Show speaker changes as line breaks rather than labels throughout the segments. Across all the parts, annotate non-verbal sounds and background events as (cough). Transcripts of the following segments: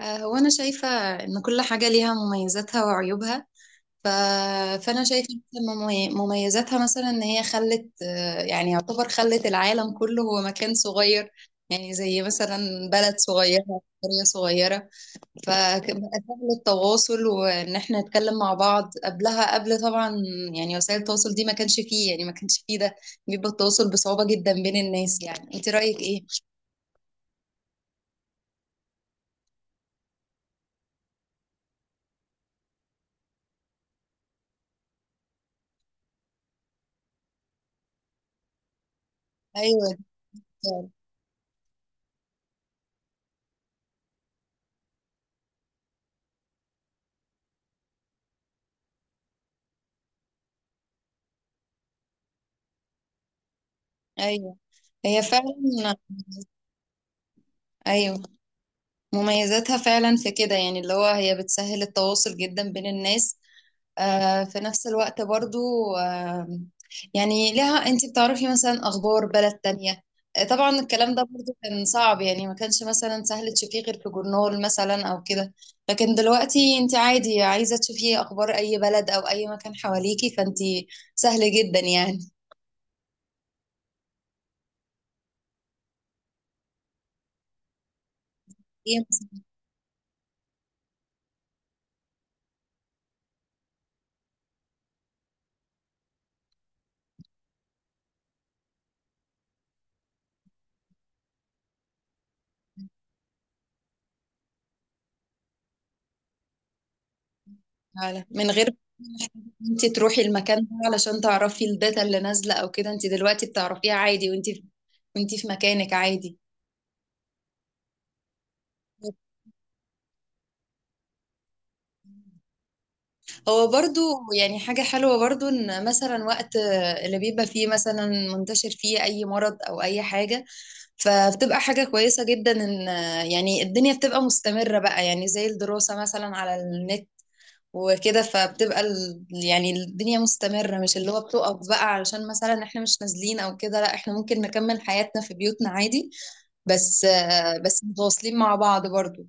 هو أنا شايفة إن كل حاجة ليها مميزاتها وعيوبها. ف... فأنا شايفة مثلاً مميزاتها مثلا إن هي خلت، يعني يعتبر خلت العالم كله هو مكان صغير، يعني زي مثلا بلد صغيرة، قرية صغيرة، فبقى سهل التواصل وإن إحنا نتكلم مع بعض قبلها. قبل طبعا يعني وسائل التواصل دي ما كانش فيه ده، بيبقى التواصل بصعوبة جدا بين الناس. يعني أنت رأيك إيه؟ أيوه، أيوه، هي فعلا. أيوه، مميزاتها فعلا في كده، يعني اللي هو هي بتسهل التواصل جدا بين الناس. في نفس الوقت برضو، آه، يعني لها انت بتعرفي مثلا اخبار بلد تانية. طبعا الكلام ده برضو كان صعب، يعني ما كانش مثلا سهل تشوفيه غير في جورنال مثلا او كده. لكن دلوقتي انت عادي عايزة تشوفي اخبار اي بلد او اي مكان حواليكي، فانت سهل جدا يعني. فعلا من غير ما انت تروحي المكان ده علشان تعرفي الداتا اللي نازلة او كده. انت دلوقتي بتعرفيها عادي وانت في مكانك عادي. هو برضو يعني حاجة حلوة برضو ان مثلا وقت اللي بيبقى فيه مثلا منتشر فيه اي مرض او اي حاجة، فبتبقى حاجة كويسة جدا ان يعني الدنيا بتبقى مستمرة بقى، يعني زي الدراسة مثلا على النت وكده، فبتبقى يعني الدنيا مستمرة، مش اللي هو بتقف بقى علشان مثلا احنا مش نازلين او كده. لا، احنا ممكن نكمل حياتنا في بيوتنا عادي، بس متواصلين مع بعض برضو.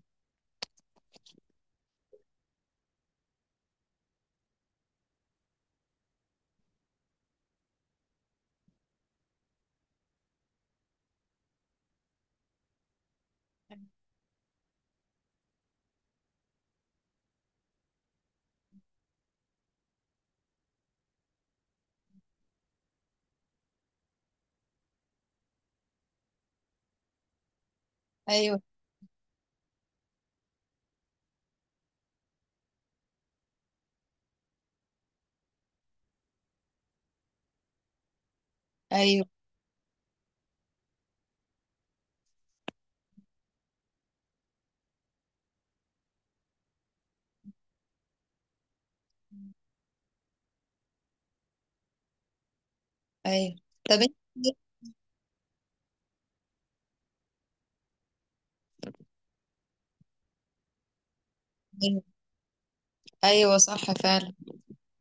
ايوه، ايوه، ايوه، طب انت (unintelligible) ايوه، صح فعلا.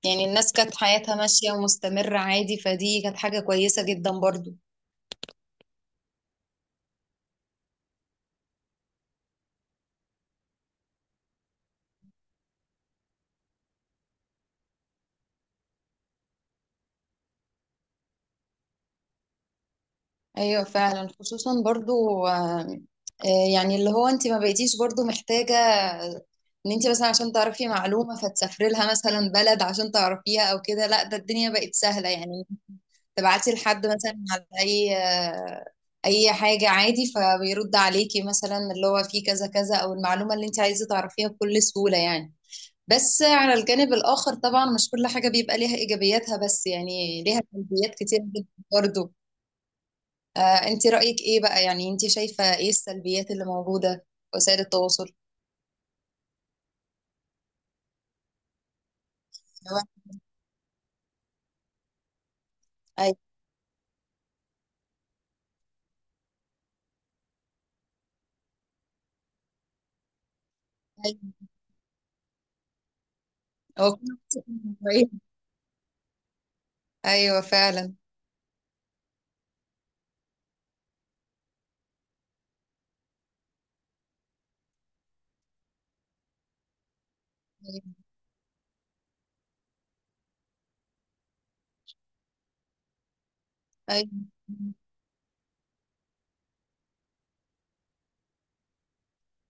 يعني الناس كانت حياتها ماشية ومستمرة عادي، فدي كانت حاجة كويسة جدا برضو. ايوه فعلا، خصوصا برضو، آم، آه، يعني اللي هو انت ما بقيتيش برضو محتاجة ان انت مثلا عشان تعرفي معلومة فتسافري لها مثلا بلد عشان تعرفيها او كده. لا، ده الدنيا بقت سهلة يعني. تبعتي لحد مثلا على اي اي حاجة عادي، فبيرد عليكي مثلا اللي هو في كذا كذا، او المعلومة اللي انت عايزة تعرفيها بكل سهولة يعني. بس على الجانب الآخر طبعا مش كل حاجة بيبقى ليها إيجابياتها بس، يعني ليها سلبيات كتير جدا برضه. انت رأيك ايه بقى؟ يعني انت شايفة ايه السلبيات اللي موجودة في وسائل التواصل؟ هو- ايوه، ايوه. هو كل واحد شايف إنه إيه. (laughs) ايوه فعلا. ايوه،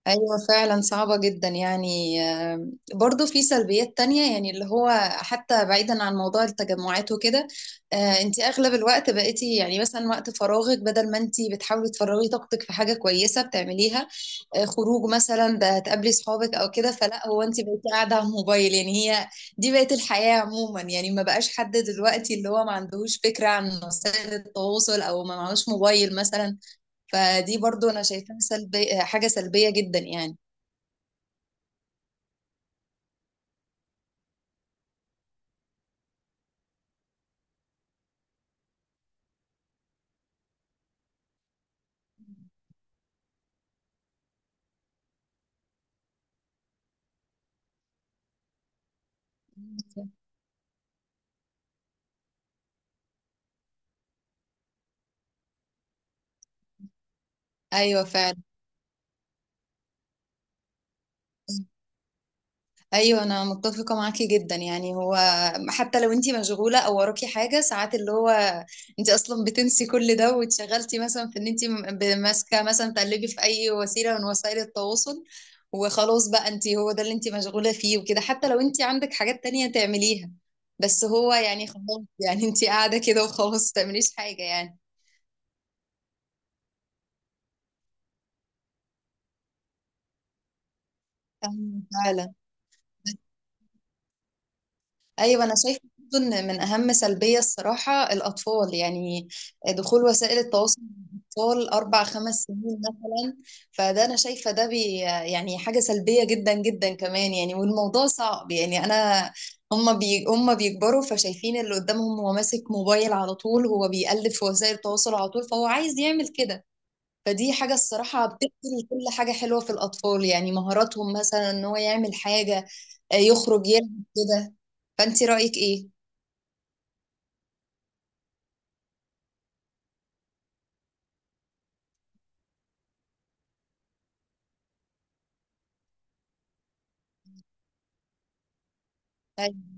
ايوه فعلا صعبة جدا يعني. برضو في سلبيات تانية، يعني اللي هو حتى بعيدا عن موضوع التجمعات وكده. آه، انت اغلب الوقت بقيتي، يعني مثلا وقت فراغك بدل ما انت بتحاولي تفرغي طاقتك في حاجة كويسة بتعمليها، خروج مثلا، ده هتقابلي صحابك او كده، فلا هو انت بقيتي قاعده على الموبايل يعني. هي دي بقت الحياه عموما، يعني ما بقاش حد دلوقتي اللي هو ما عندهوش فكره عن وسائل التواصل او ما معهوش موبايل مثلا. فدي برضو انا شايفاها حاجه سلبيه جدا يعني. ايوه فعلا. ايوه انا متفقه معاكي جدا، يعني هو حتى لو انتي مشغوله او وراكي حاجه ساعات، اللي هو انتي اصلا بتنسي كل ده واتشغلتي مثلا في ان انتي ماسكه مثلا تقلبي في اي وسيله من وسائل التواصل، وخلاص بقى انتي هو ده اللي انتي مشغوله فيه وكده، حتى لو انتي عندك حاجات تانية تعمليها. بس هو يعني خلاص، يعني انتي قاعده كده وخلاص، ما تعمليش حاجه يعني. أيوة فعلا. ايوه انا شايفه برضو ان من اهم سلبيه الصراحه الاطفال، يعني دخول وسائل التواصل مع الاطفال 4 5 سنين مثلا. فده انا شايفه ده يعني حاجه سلبيه جدا جدا كمان يعني، والموضوع صعب يعني انا. هما بيكبروا فشايفين اللي قدامهم هو ماسك موبايل على طول، هو بيقلب في وسائل التواصل على طول، فهو عايز يعمل كده. فدي حاجة الصراحة بتقتل كل حاجة حلوة في الأطفال، يعني مهاراتهم مثلا إن هو يعمل حاجة، يخرج يلعب كده. فأنت رأيك إيه؟ أيوة،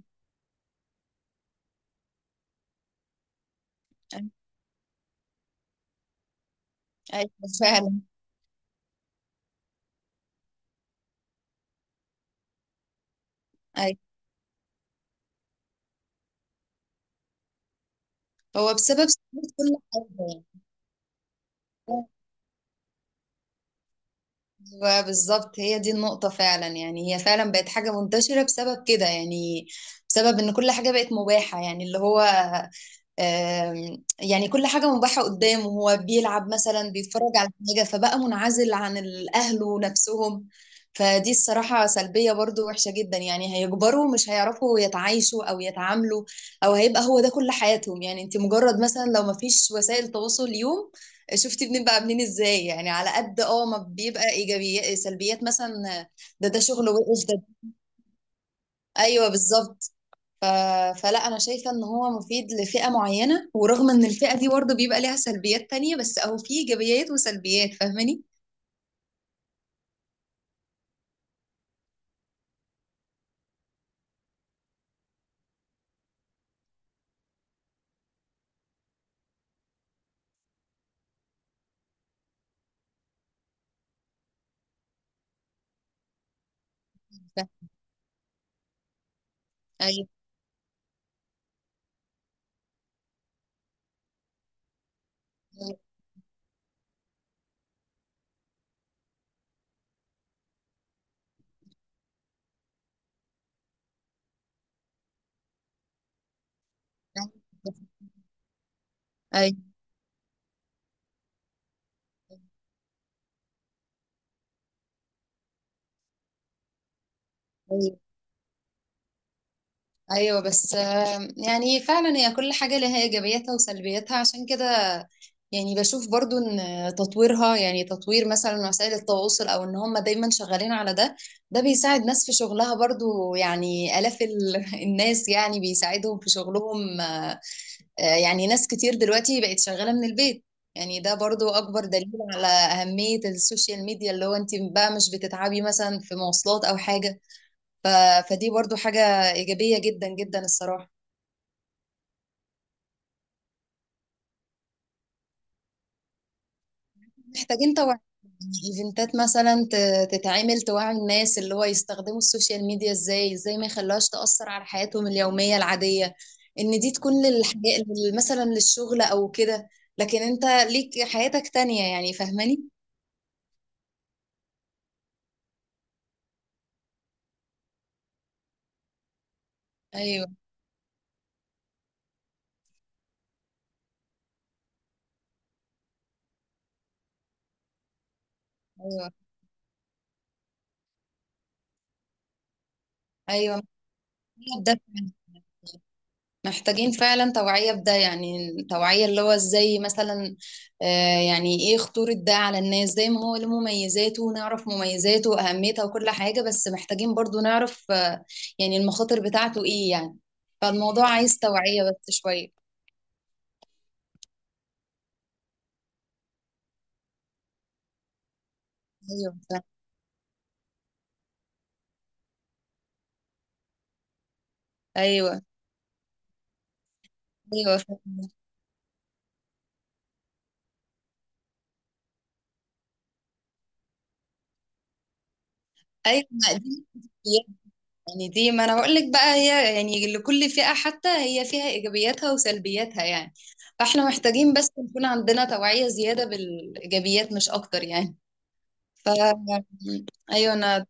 أيوة، أيوة، فعلا. أيوة، هو بسبب سهولة كل حاجة يعني. أيوة، بالظبط. هي دي النقطة فعلا يعني. هي فعلا بقت حاجة منتشرة بسبب كده يعني، بسبب إن كل حاجة بقت مباحة، يعني اللي هو يعني كل حاجة مباحة قدامه، هو بيلعب مثلا بيتفرج على حاجة، فبقى منعزل عن الأهل ونفسهم. فدي الصراحة سلبية برضو وحشة جدا. يعني هيكبروا مش هيعرفوا يتعايشوا أو يتعاملوا، أو هيبقى هو ده كل حياتهم. يعني انت مجرد مثلا لو ما فيش وسائل تواصل اليوم، شفتي بنبقى عاملين ازاي؟ يعني على قد ما بيبقى ايجابيات سلبيات مثلا. ده شغله وحش ده. ايوه بالظبط. ف... فلا انا شايفه ان هو مفيد لفئه معينه، ورغم ان الفئه دي برضه بيبقى ليها سلبيات تانية، بس اهو فيه ايجابيات وسلبيات فاهماني. ف- ايوه، ايوه، ايوه، ايوه. بس يعني فعلا هي كل حاجه لها ايجابياتها وسلبياتها عشان كده. يعني بشوف برضو ان تطويرها، يعني تطوير مثلا وسائل التواصل، او ان هم دايما شغالين على ده. ده بيساعد ناس في شغلها برضو، يعني الاف (laughs) الناس يعني بيساعدهم في شغلهم. يعني ناس كتير دلوقتي بقت شغالة من البيت، يعني ده برضو أكبر دليل على أهمية السوشيال ميديا، اللي هو أنت بقى مش بتتعبي مثلا في مواصلات أو حاجة. ف... فدي برضو حاجة إيجابية جدا جدا الصراحة. محتاجين توعي، إيفنتات مثلا تتعمل توعي الناس اللي هو يستخدموا السوشيال ميديا إزاي، إزاي ما يخلوهاش تأثر على حياتهم اليومية العادية، إن دي تكون للحياة، مثلا للشغل أو كده. لكن أنت ليك حياتك تانية يعني، فاهماني؟ أيوه، أيوه، ايوه، ده فعلا. محتاجين فعلا توعية بده، يعني توعية اللي هو ازاي مثلا، يعني ايه خطورة ده على الناس، زي ما هو له مميزاته ونعرف مميزاته وأهميتها وكل حاجة، بس محتاجين برضو نعرف يعني المخاطر بتاعته ايه يعني. فالموضوع عايز توعية بس شوية. ايوه فعلا. ايوه، ايوه فعلا. ايوه، ما دي يعني دي، ما انا بقول لك بقى، هي يعني لكل فئة حتى هي فيها ايجابياتها وسلبياتها يعني. فاحنا محتاجين بس نكون عندنا توعية زيادة بالايجابيات مش اكتر يعني. ف ايوه انا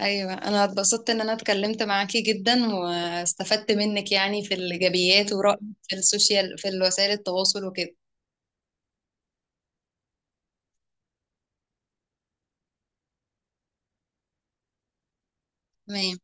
ايوه انا اتبسطت ان انا اتكلمت معاكي جدا واستفدت منك، يعني في الايجابيات ورأيك في السوشيال، في وسائل التواصل وكده. تمام.